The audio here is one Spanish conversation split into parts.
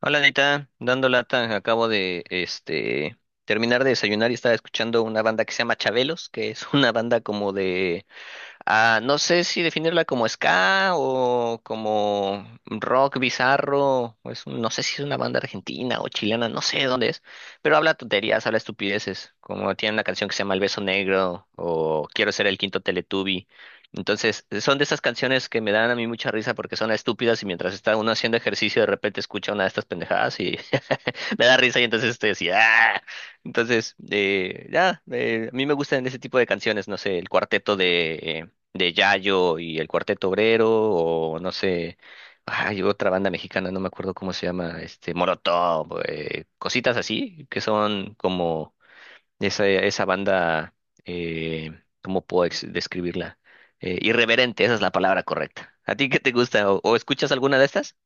Hola Anita, dando lata, acabo de terminar de desayunar y estaba escuchando una banda que se llama Chabelos, que es una banda como de... no sé si definirla como ska o como rock bizarro, o no sé si es una banda argentina o chilena, no sé dónde es, pero habla tonterías, habla estupideces, como tiene una canción que se llama El Beso Negro o Quiero ser el quinto Teletubby. Entonces, son de esas canciones que me dan a mí mucha risa porque son estúpidas y mientras está uno haciendo ejercicio de repente escucha una de estas pendejadas y me da risa y entonces estoy así, ¡ah! Entonces, a mí me gustan ese tipo de canciones, no sé, el cuarteto de Yayo y el cuarteto obrero, o no sé, hay otra banda mexicana, no me acuerdo cómo se llama, Molotov, cositas así, que son como esa banda, eh, ¿cómo puedo describirla? Irreverente, esa es la palabra correcta. ¿A ti qué te gusta? O escuchas alguna de estas?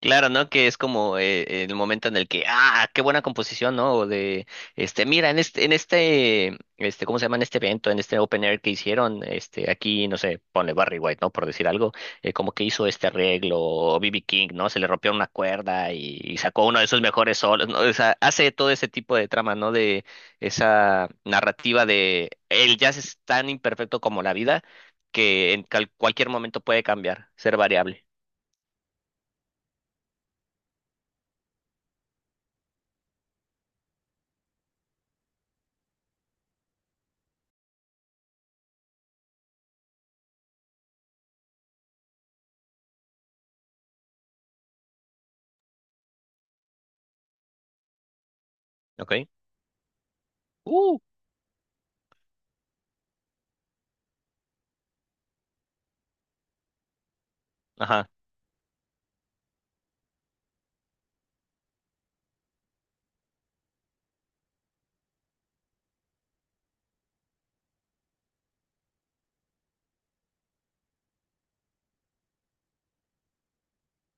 Claro, ¿no? Que es como el momento en el que, ah, qué buena composición, ¿no? O de, este, mira, en este, este, ¿cómo se llama? En este evento, en este open air que hicieron, aquí, no sé, ponle Barry White, ¿no? Por decir algo, como que hizo este arreglo, o B.B. King, ¿no? Se le rompió una cuerda y sacó uno de sus mejores solos, ¿no? O sea, hace todo ese tipo de trama, ¿no? De esa narrativa de el jazz es tan imperfecto como la vida que en cualquier momento puede cambiar, ser variable. ¿Ok? Uh, ajá.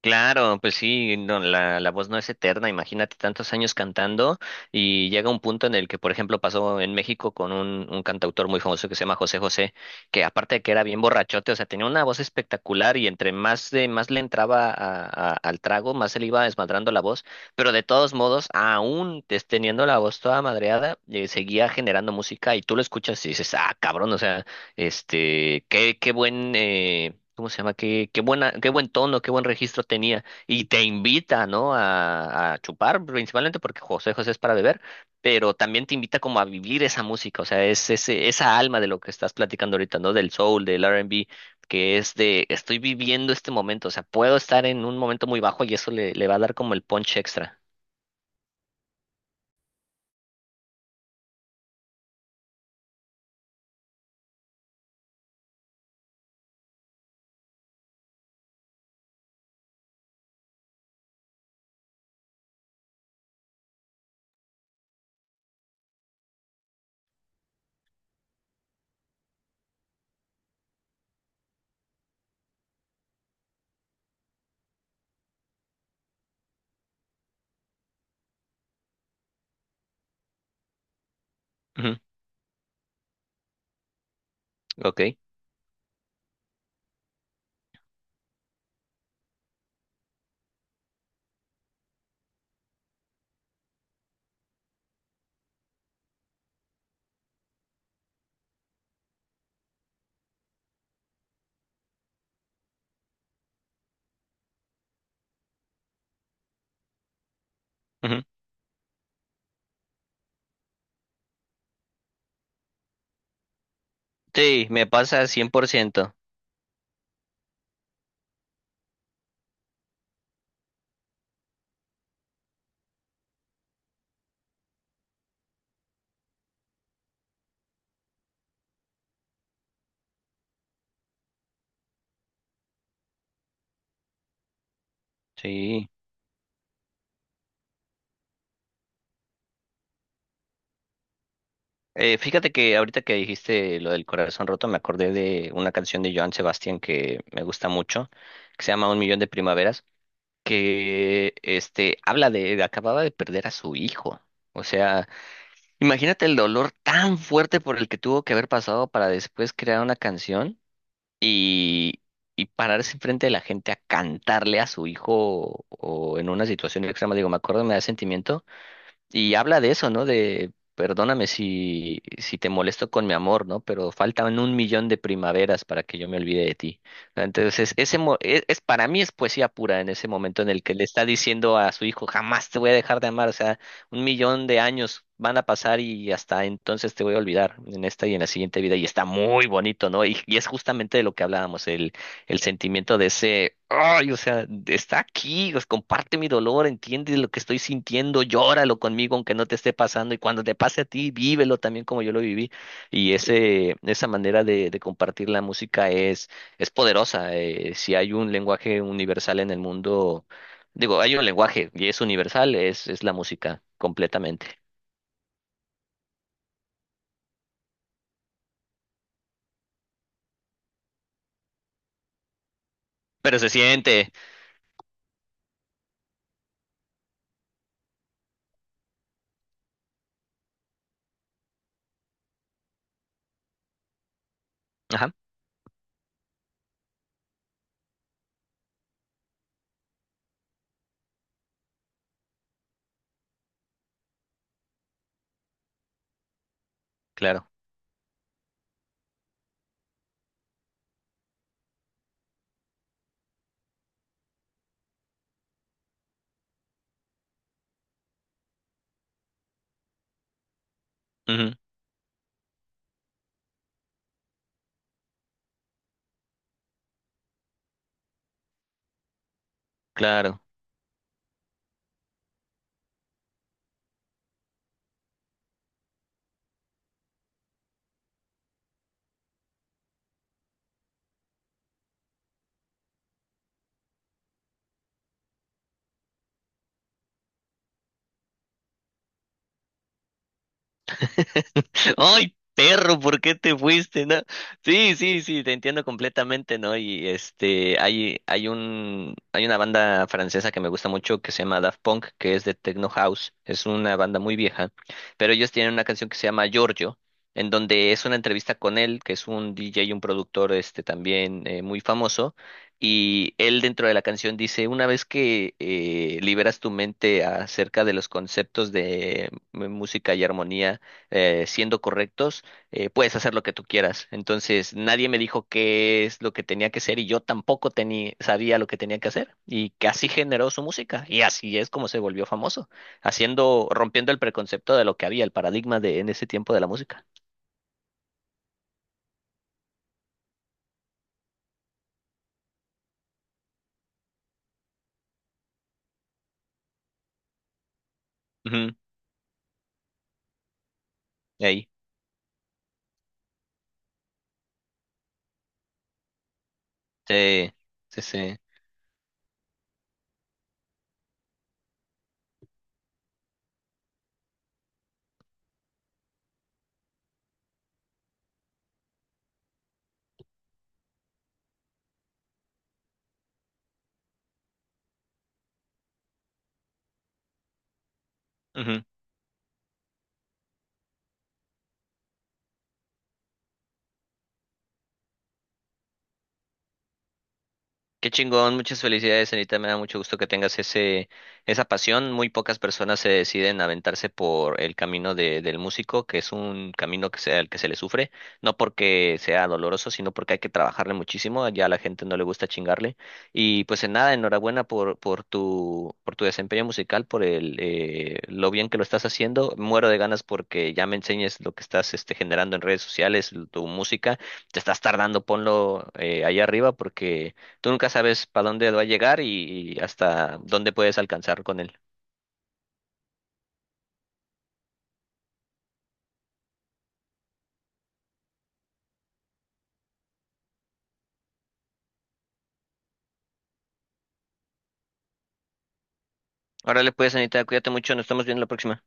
Claro, pues sí, no, la voz no es eterna, imagínate tantos años cantando y llega un punto en el que, por ejemplo, pasó en México con un cantautor muy famoso que se llama José José, que aparte de que era bien borrachote, o sea, tenía una voz espectacular y entre más le entraba al trago, más se le iba desmadrando la voz, pero de todos modos, aún teniendo la voz toda madreada, seguía generando música y tú lo escuchas y dices, ah, cabrón, o sea, qué buen... ¿Cómo se llama? Qué, qué buena, qué buen tono, qué buen registro tenía. Y te invita, ¿no? A chupar, principalmente porque José José es para beber, pero también te invita como a vivir esa música, o sea, es esa alma de lo que estás platicando ahorita, ¿no? Del soul, del R&B, que es de, estoy viviendo este momento, o sea, puedo estar en un momento muy bajo y eso le va a dar como el punch extra. Ujú. Ok. Ujú. Sí, me pasa cien por ciento. Sí. Fíjate que ahorita que dijiste lo del corazón roto, me acordé de una canción de Joan Sebastián que me gusta mucho, que se llama Un millón de primaveras, que habla de acababa de perder a su hijo. O sea, imagínate el dolor tan fuerte por el que tuvo que haber pasado para después crear una canción y, y pararse enfrente de la gente a cantarle a su hijo o en una situación extrema. Digo, me acuerdo, me da sentimiento y habla de eso, ¿no? De, perdóname si te molesto con mi amor, ¿no? Pero faltan un millón de primaveras para que yo me olvide de ti. Entonces, ese es, para mí es poesía pura en ese momento en el que le está diciendo a su hijo, jamás te voy a dejar de amar. O sea, un millón de años van a pasar y hasta entonces te voy a olvidar en esta y en la siguiente vida. Y está muy bonito, ¿no? Y es justamente de lo que hablábamos, el sentimiento de ese, ay, o sea, está aquí, pues, comparte mi dolor, entiende lo que estoy sintiendo, llóralo conmigo aunque no te esté pasando y cuando te pase a ti, vívelo también como yo lo viví. Esa manera de compartir la música es poderosa. Si hay un lenguaje universal en el mundo, digo, hay un lenguaje y es universal, es la música completamente. Pero se siente. Ajá, claro. Ujú, claro. Ay, perro, ¿por qué te fuiste? No. Sí, sí, sí, te entiendo completamente, ¿no? Y este, hay una banda francesa que me gusta mucho que se llama Daft Punk, que es de Techno House. Es una banda muy vieja, pero ellos tienen una canción que se llama Giorgio, en donde es una entrevista con él, que es un DJ y un productor, este, también muy famoso. Y él dentro de la canción dice, una vez que liberas tu mente acerca de los conceptos de música y armonía, siendo correctos, puedes hacer lo que tú quieras. Entonces, nadie me dijo qué es lo que tenía que hacer y yo tampoco tenía, sabía lo que tenía que hacer. Y que así generó su música y así es como se volvió famoso, haciendo, rompiendo el preconcepto de lo que había, el paradigma de en ese tiempo de la música. Ujú. Ahí, sí, sí, sí. Ujú. Qué chingón, muchas felicidades, Anita. Me da mucho gusto que tengas esa pasión. Muy pocas personas se deciden a aventarse por el camino del músico, que es un camino que sea el que se le sufre, no porque sea doloroso, sino porque hay que trabajarle muchísimo. Ya a la gente no le gusta chingarle. Y pues en nada, enhorabuena por tu desempeño musical, por el, lo bien que lo estás haciendo. Muero de ganas porque ya me enseñes lo que estás generando en redes sociales, tu música. Te estás tardando, ponlo ahí arriba porque tú nunca sabes para dónde va a llegar y hasta dónde puedes alcanzar con él. Órale, pues, Anita, cuídate mucho, nos estamos viendo la próxima.